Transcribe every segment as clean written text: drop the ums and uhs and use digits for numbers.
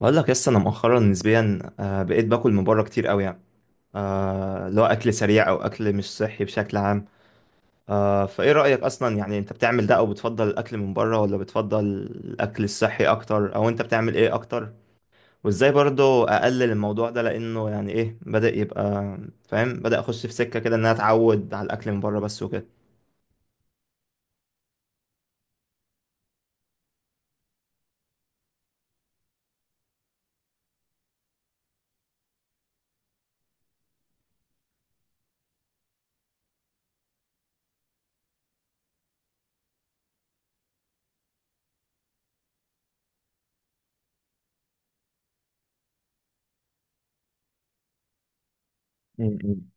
بقول لك لسه انا مؤخرا نسبيا، بقيت باكل من بره كتير قوي يعني. اللي هو اكل سريع او اكل مش صحي بشكل عام. فايه رايك اصلا؟ يعني انت بتعمل ده او بتفضل الاكل من بره ولا بتفضل الاكل الصحي اكتر، او انت بتعمل ايه اكتر؟ وازاي برضو اقلل الموضوع ده؟ لانه يعني ايه، بدأ يبقى فاهم، بدأ اخش في سكه كده ان انا اتعود على الاكل من بره بس وكده. م.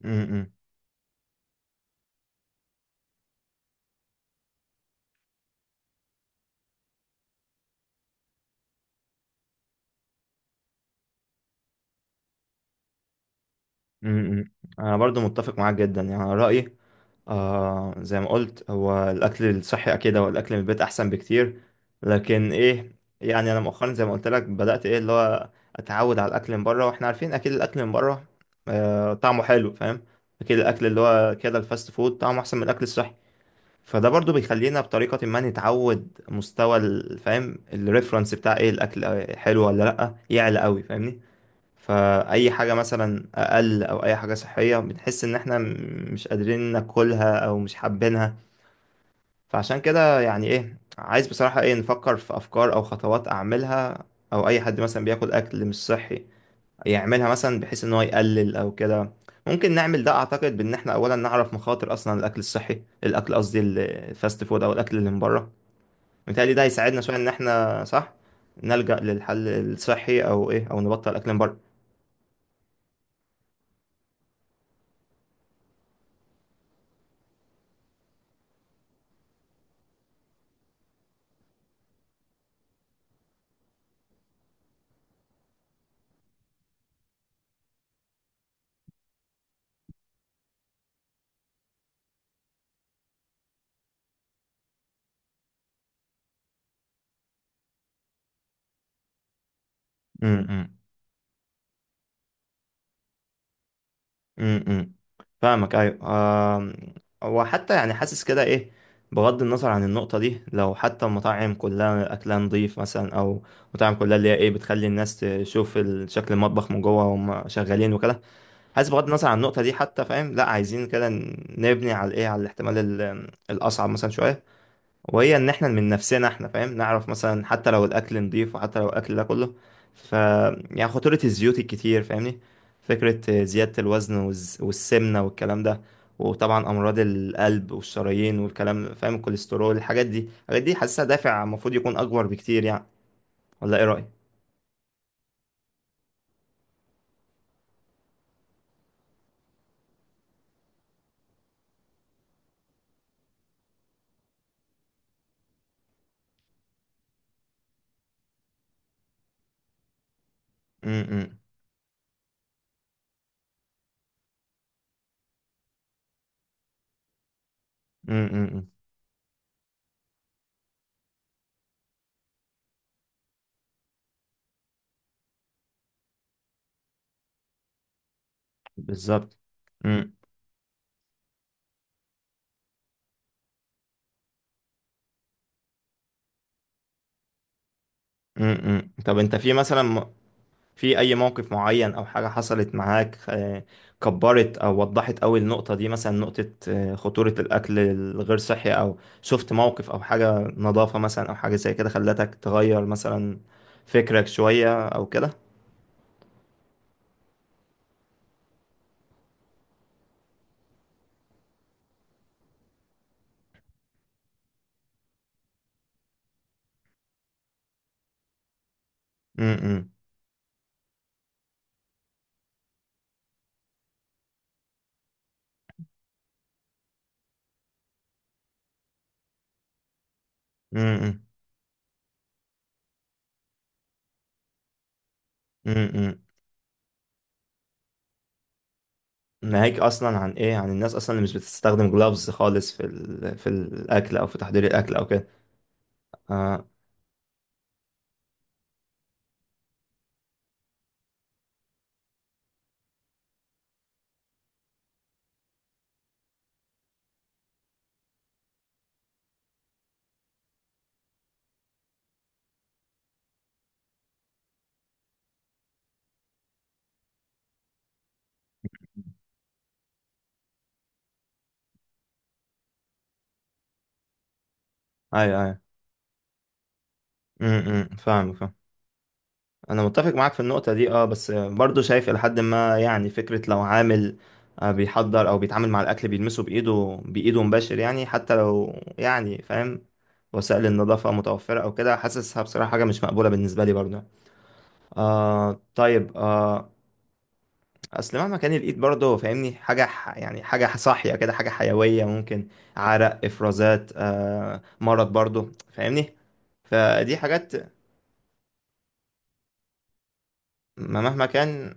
م- م- م. انا برضو متفق معاك جدا، يعني رأيي زي ما قلت، هو الأكل الصحي، أكيد هو الأكل من البيت أحسن بكتير. لكن إيه، يعني أنا مؤخرا زي ما قلت لك بدأت إيه اللي هو أتعود على الأكل من بره، وإحنا عارفين أكيد الأكل من بره طعمه حلو فاهم. أكيد الأكل اللي هو كده الفاست فود طعمه أحسن من الأكل الصحي. فده برضو بيخلينا بطريقة ما نتعود مستوى فاهم الريفرنس بتاع إيه الأكل حلو ولا لأ يعلى قوي فاهمني. فأي حاجة مثلا أقل أو أي حاجة صحية بنحس إن إحنا مش قادرين ناكلها أو مش حابينها. فعشان كده يعني إيه، عايز بصراحة إيه نفكر في أفكار أو خطوات أعملها، أو أي حد مثلا بياكل أكل مش صحي يعملها، مثلا بحيث إن هو يقلل أو كده. ممكن نعمل ده، أعتقد بإن إحنا أولا نعرف مخاطر أصلا الأكل الصحي، الأكل قصدي الفاست فود أو الأكل اللي من بره. متهيألي ده هيساعدنا شوية إن إحنا صح نلجأ للحل الصحي أو إيه أو نبطل أكل من بره. م- م. امم امم. فاهمك، ايوه. آم، هو حتى يعني حاسس كده ايه، بغض النظر عن النقطة دي، لو حتى المطاعم كلها أكلها نضيف مثلا، أو مطاعم كلها اللي هي إيه بتخلي الناس تشوف شكل المطبخ من جوه وهم شغالين وكده. حاسس بغض النظر عن النقطة دي حتى فاهم لأ، عايزين كده نبني على إيه، على الاحتمال الأصعب مثلا شوية، وهي ان احنا من نفسنا احنا فاهم نعرف مثلا حتى لو الاكل نضيف وحتى لو الاكل ده كله، ف يعني خطورة الزيوت الكتير فاهمني، فكرة زيادة الوزن والسمنة والكلام ده، وطبعا امراض القلب والشرايين والكلام فاهم، الكوليسترول، الحاجات دي الحاجات دي حاسسها دافع المفروض يكون اكبر بكتير يعني. ولا ايه رأيك؟ م- م- م. بالظبط. م- م. طب انت في مثلا في أي موقف معين أو حاجة حصلت معاك، كبرت أو وضحت أوي النقطة دي مثلا، نقطة خطورة الأكل الغير صحي، أو شفت موقف أو حاجة نظافة مثلا أو حاجة زي كده خلتك تغير مثلا، فكرك شوية أو كده؟ امم، امم، امم. إمم، إمم، إمم. ناهيك أصلا عن إيه، عن الناس أصلا اللي مش بتستخدم جلافز خالص في الأكل أو في تحضير الأكل أو كده. آه. أيوه، أيوه. امم، فاهم، فاهم. انا متفق معاك في النقطة دي، بس برضو شايف الى حد ما، يعني فكرة لو عامل بيحضر او بيتعامل مع الاكل بيلمسه بايده، بايده مباشر، يعني حتى لو يعني فاهم وسائل النظافة متوفرة او كده، حاسسها بصراحة حاجة مش مقبولة بالنسبة لي برضو. آه. طيب. آه. اصل مهما كان الايد برضو فاهمني حاجة يعني حاجة صاحية كده، حاجة حيوية ممكن عرق، افرازات، مرض برضو فاهمني، فدي حاجات ما مهما كان.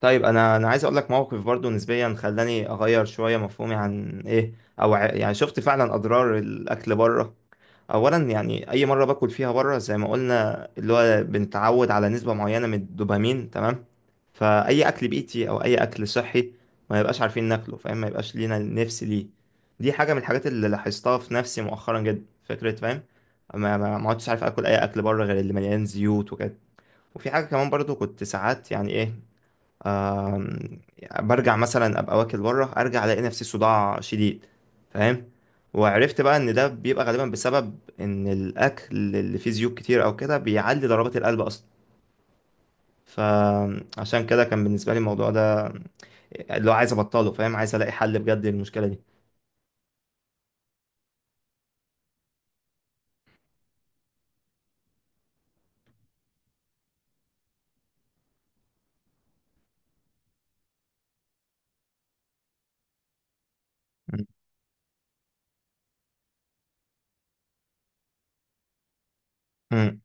طيب انا عايز اقول لك موقف برضو نسبيا خلاني اغير شويه مفهومي عن ايه، او يعني شفت فعلا اضرار الاكل بره. اولا يعني اي مره باكل فيها بره زي ما قلنا اللي هو بنتعود على نسبه معينه من الدوبامين تمام، فاي اكل بيتي او اي اكل صحي ما يبقاش عارفين ناكله فاهم، ما يبقاش لينا نفس ليه. دي حاجه من الحاجات اللي لاحظتها في نفسي مؤخرا جدا، فكره فاهم ما عدتش عارف اكل اي اكل بره غير اللي مليان زيوت وكده. وفي حاجه كمان برضو، كنت ساعات يعني ايه، آم، برجع مثلا ابقى واكل بره، ارجع الاقي نفسي صداع شديد فاهم. وعرفت بقى ان ده بيبقى غالبا بسبب ان الاكل اللي فيه زيوت كتير او كده بيعلي ضربات القلب اصلا. فعشان كده كان بالنسبه لي الموضوع ده اللي هو عايز ابطله فاهم، عايز الاقي حل بجد للمشكله دي. امم.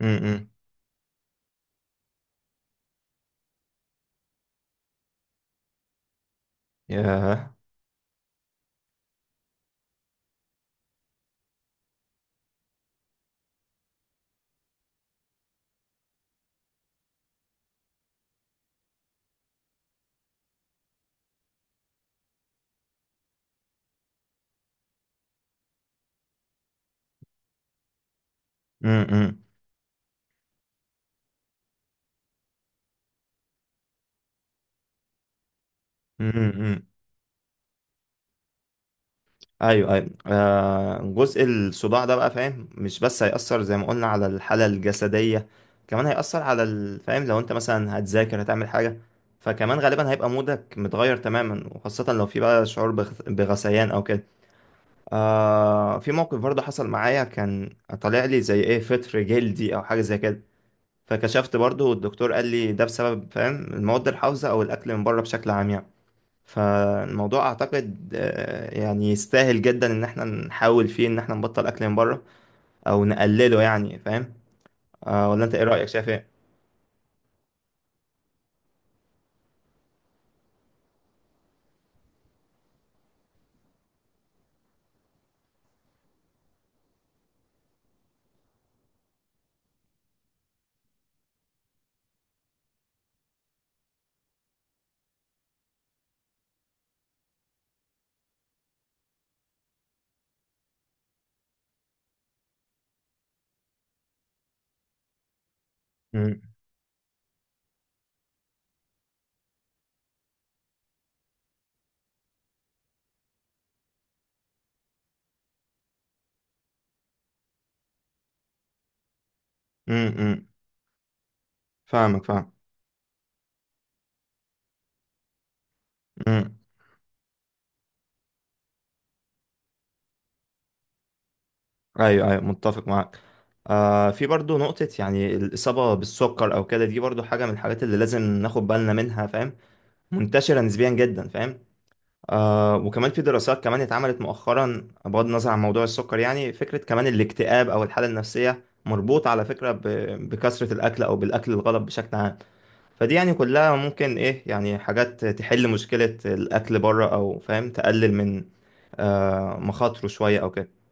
امم. ياه. امم. ايوه، ايوه. جزء الصداع ده بقى فاهم، مش بس هيأثر زي ما قلنا على الحالة الجسدية، كمان هيأثر على فاهم لو انت مثلا هتذاكر، هتعمل حاجة، فكمان غالبا هيبقى مودك متغير تماما، وخاصة لو في بقى شعور بغثيان او كده. في موقف برضه حصل معايا، كان طالع لي زي ايه فطر جلدي او حاجة زي كده، فكشفت برضه والدكتور قال لي ده بسبب فاهم المواد الحافظة او الاكل من بره بشكل عام يعني. فالموضوع اعتقد يعني يستاهل جدا ان احنا نحاول فيه، ان احنا نبطل اكل من بره او نقلله يعني فاهم. ولا انت ايه رأيك؟ شايف ايه؟ امم، امم. فاهمك، فاهم. امم. ايوه، ايوه، متفق معاك. في برضو نقطة، يعني الإصابة بالسكر أو كده، دي برضو حاجة من الحاجات اللي لازم ناخد بالنا منها فاهم، منتشرة نسبيا جدا فاهم. وكمان في دراسات كمان اتعملت مؤخرا، بغض النظر عن موضوع السكر، يعني فكرة كمان الاكتئاب أو الحالة النفسية مربوط على فكرة بكثرة الأكل أو بالأكل الغلط بشكل عام. فدي يعني كلها ممكن إيه، يعني حاجات تحل مشكلة الأكل بره، أو فاهم تقلل من مخاطره شوية أو كده.